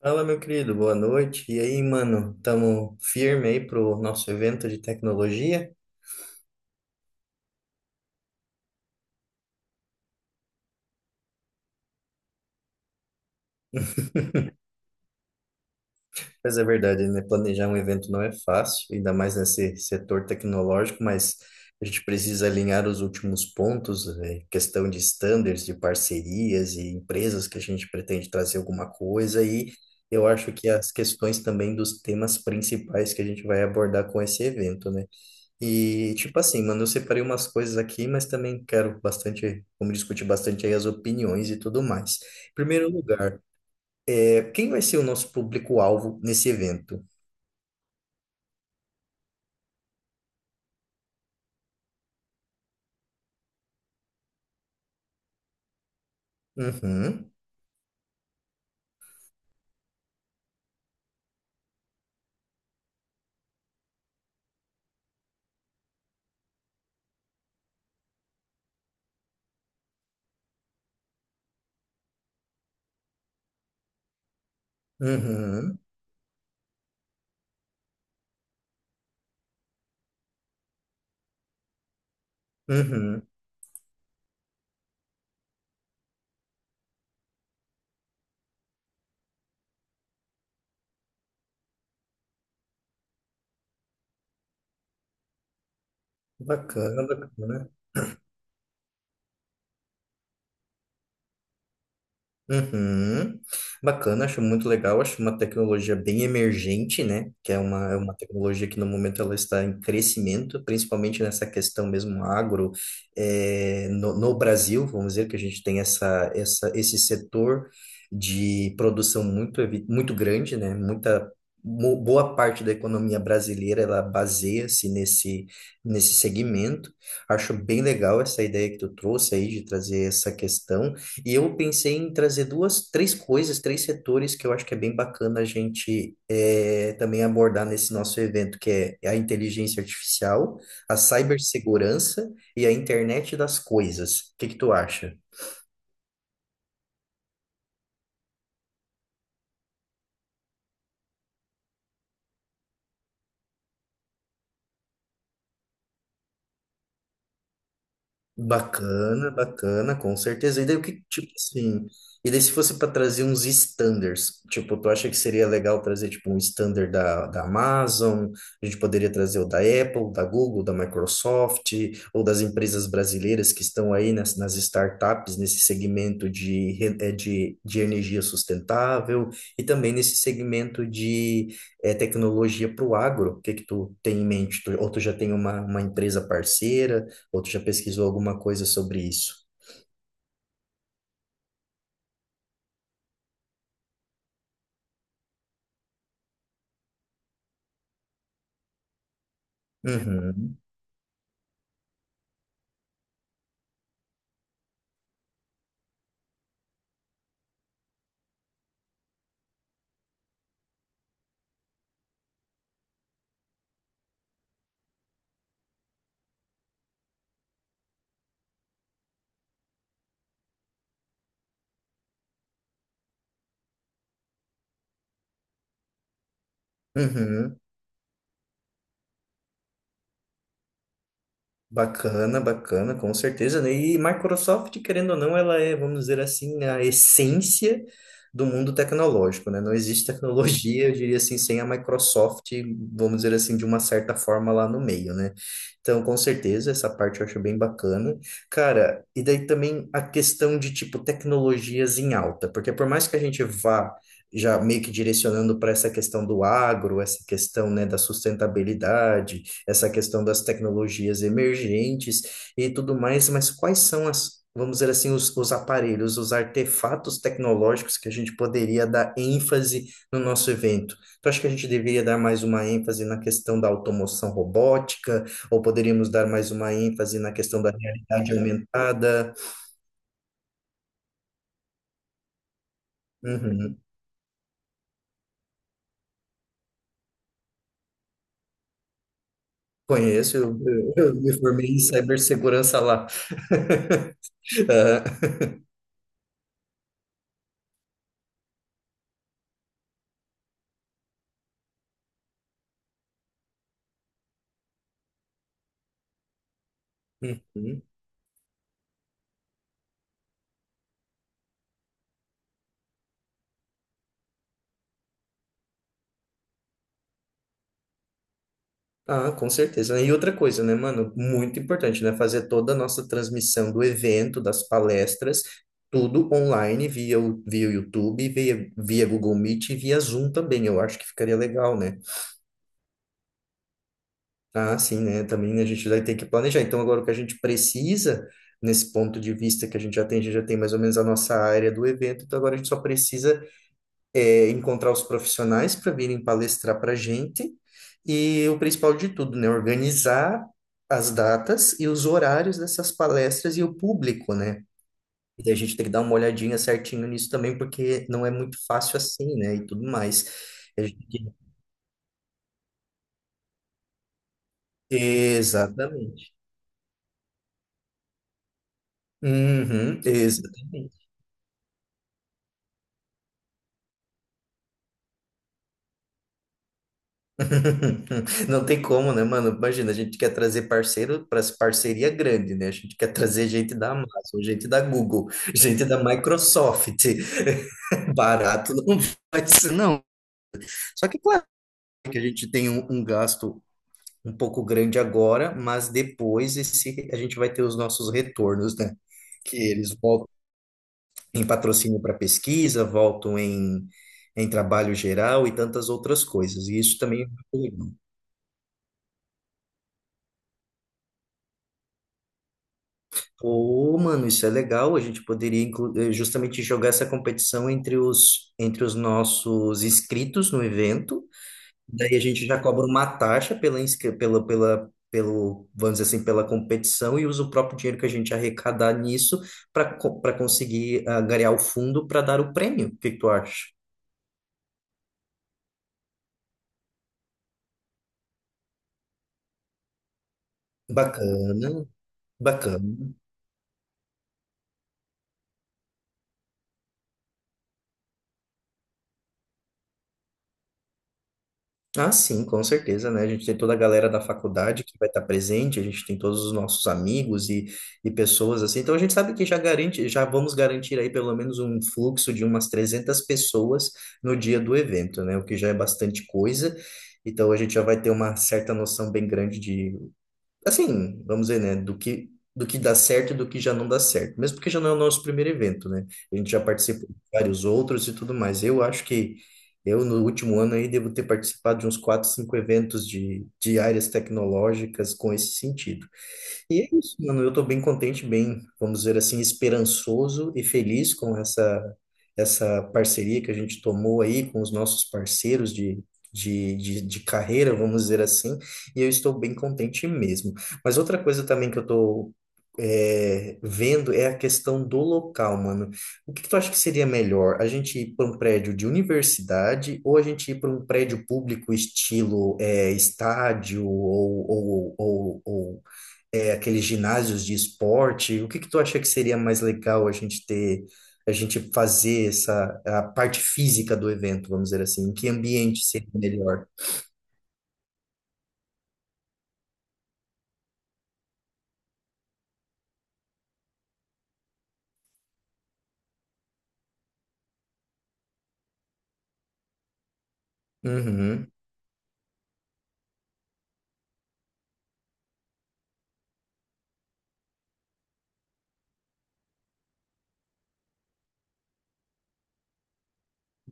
Fala, meu querido, boa noite. E aí, mano, tamo firme aí pro nosso evento de tecnologia? Mas é verdade, né? Planejar um evento não é fácil, ainda mais nesse setor tecnológico, mas a gente precisa alinhar os últimos pontos, né? Questão de standards, de parcerias e empresas que a gente pretende trazer alguma coisa. E eu acho que as questões também dos temas principais que a gente vai abordar com esse evento, né? E, tipo assim, mano, eu separei umas coisas aqui, mas também quero bastante, vamos discutir bastante aí as opiniões e tudo mais. Em primeiro lugar, quem vai ser o nosso público-alvo nesse evento? Uhum, uhum, uhum. Bacana, bacana. Uhum. Bacana, acho muito legal, acho uma tecnologia bem emergente, né? Que é uma tecnologia que no momento ela está em crescimento, principalmente nessa questão mesmo agro, no, no Brasil, vamos dizer que a gente tem essa, essa, esse setor de produção muito, muito grande, né? Muita, boa parte da economia brasileira ela baseia-se nesse, nesse segmento. Acho bem legal essa ideia que tu trouxe aí de trazer essa questão. E eu pensei em trazer duas, três coisas, três setores que eu acho que é bem bacana a gente também abordar nesse nosso evento, que é é a inteligência artificial, a cibersegurança e a internet das coisas. O que que tu acha? Bacana, bacana, com certeza. E daí o que, tipo assim, e daí se fosse para trazer uns standards, tipo, tu acha que seria legal trazer tipo um standard da, da Amazon, a gente poderia trazer o da Apple, da Google, da Microsoft, ou das empresas brasileiras que estão aí nas, nas startups, nesse segmento de, de energia sustentável e também nesse segmento de tecnologia para o agro. O que que tu tem em mente? Tu- ou tu já tem uma empresa parceira? Ou tu já pesquisou alguma coisa sobre isso? Uhum, uhum. Bacana, bacana, com certeza, né? E Microsoft, querendo ou não, ela é, vamos dizer assim, a essência do mundo tecnológico, né? Não existe tecnologia, eu diria assim, sem a Microsoft, vamos dizer assim, de uma certa forma lá no meio, né? Então, com certeza, essa parte eu acho bem bacana. Cara, e daí também a questão de, tipo, tecnologias em alta, porque por mais que a gente vá já meio que direcionando para essa questão do agro, essa questão, né, da sustentabilidade, essa questão das tecnologias emergentes e tudo mais, mas quais são as, vamos dizer assim, os aparelhos, os artefatos tecnológicos que a gente poderia dar ênfase no nosso evento? Tu acha que a gente deveria dar mais uma ênfase na questão da automação robótica, ou poderíamos dar mais uma ênfase na questão da realidade aumentada? Uhum. Conheço, eu me formei em cibersegurança lá. Ah, uhum. Ah, com certeza. E outra coisa, né, mano? Muito importante, né? Fazer toda a nossa transmissão do evento, das palestras, tudo online, via o YouTube, via Google Meet e via Zoom também. Eu acho que ficaria legal, né? Ah, sim, né? Também a gente vai ter que planejar. Então, agora o que a gente precisa, nesse ponto de vista que a gente já tem, a gente já tem mais ou menos a nossa área do evento, então agora a gente só precisa encontrar os profissionais para virem palestrar para a gente e o principal de tudo, né, organizar as datas e os horários dessas palestras e o público, né? E daí a gente tem que dar uma olhadinha certinho nisso também, porque não é muito fácil assim, né? E tudo mais. A gente- Exatamente. Uhum, exatamente. Não tem como, né, mano? Imagina, a gente quer trazer parceiro para parceria grande, né? A gente quer trazer gente da Amazon, gente da Google, gente da Microsoft. Barato não vai ser, não. Só que, claro, que a gente tem um, um gasto um pouco grande agora, mas depois esse, a gente vai ter os nossos retornos, né? Que eles voltam em patrocínio para pesquisa, voltam em, em trabalho geral e tantas outras coisas. E isso também é muito legal. Pô, mano, isso é legal. A gente poderia justamente jogar essa competição entre os nossos inscritos no evento. Daí a gente já cobra uma taxa pela, pela, pela, pelo, vamos dizer assim, pela competição e usa o próprio dinheiro que a gente arrecadar nisso para para conseguir angariar o fundo para dar o prêmio. O que que tu acha? Bacana, bacana. Ah, sim, com certeza, né? A gente tem toda a galera da faculdade que vai estar presente, a gente tem todos os nossos amigos e pessoas assim. Então a gente sabe que já garante, já vamos garantir aí pelo menos um fluxo de umas 300 pessoas no dia do evento, né? O que já é bastante coisa. Então a gente já vai ter uma certa noção bem grande de assim, vamos dizer, né, do que dá certo e do que já não dá certo. Mesmo porque já não é o nosso primeiro evento, né? A gente já participou de vários outros e tudo mais. Eu acho que eu, no último ano aí, devo ter participado de uns quatro, cinco eventos de áreas tecnológicas com esse sentido. E é isso, mano. Eu tô bem contente, bem, vamos dizer assim, esperançoso e feliz com essa parceria que a gente tomou aí com os nossos parceiros de, de carreira, vamos dizer assim, e eu estou bem contente mesmo. Mas outra coisa também que eu tô vendo é a questão do local, mano. O que que tu acha que seria melhor? A gente ir para um prédio de universidade ou a gente ir para um prédio público estilo estádio ou aqueles ginásios de esporte? O que que tu acha que seria mais legal a gente ter, a gente fazer essa a parte física do evento, vamos dizer assim? Em que ambiente seria melhor? Uhum,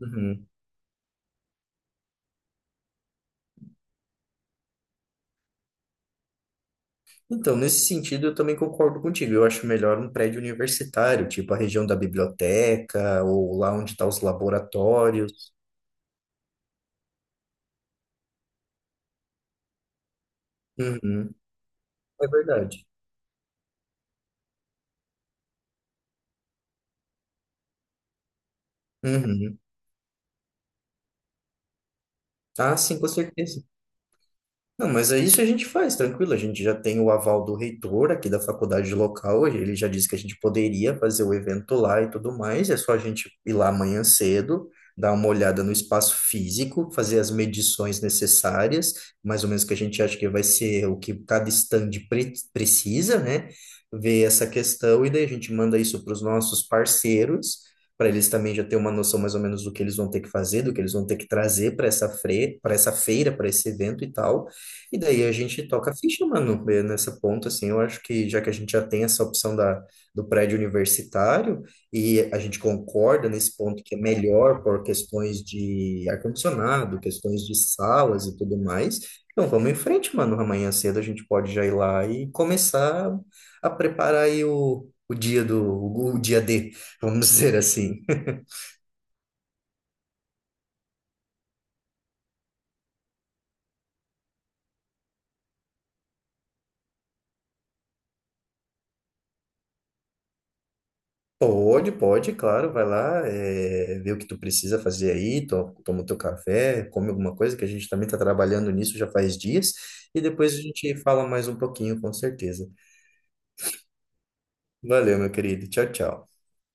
uhum. Então, nesse sentido, eu também concordo contigo. Eu acho melhor um prédio universitário, tipo a região da biblioteca ou lá onde estão os laboratórios. Uhum, é verdade. Uhum. Ah, sim, com certeza. Não, mas é isso a gente faz, tranquilo. A gente já tem o aval do reitor aqui da faculdade local, ele já disse que a gente poderia fazer o evento lá e tudo mais. É só a gente ir lá amanhã cedo, dar uma olhada no espaço físico, fazer as medições necessárias, mais ou menos que a gente acha que vai ser o que cada stand precisa, né? Ver essa questão e daí a gente manda isso para os nossos parceiros, para eles também já ter uma noção mais ou menos do que eles vão ter que fazer, do que eles vão ter que trazer para essa fre, para essa feira, para esse evento e tal. E daí a gente toca a ficha, mano, nessa ponta, assim, eu acho que já que a gente já tem essa opção da, do prédio universitário e a gente concorda nesse ponto que é melhor por questões de ar-condicionado, questões de salas e tudo mais, então vamos em frente, mano, amanhã cedo a gente pode já ir lá e começar a preparar aí o dia do, o dia D, vamos dizer assim. Pode, pode, claro, vai lá, vê o que tu precisa fazer aí, toma o teu café, come alguma coisa, que a gente também está trabalhando nisso já faz dias, e depois a gente fala mais um pouquinho, com certeza. Valeu, meu querido. Tchau, tchau.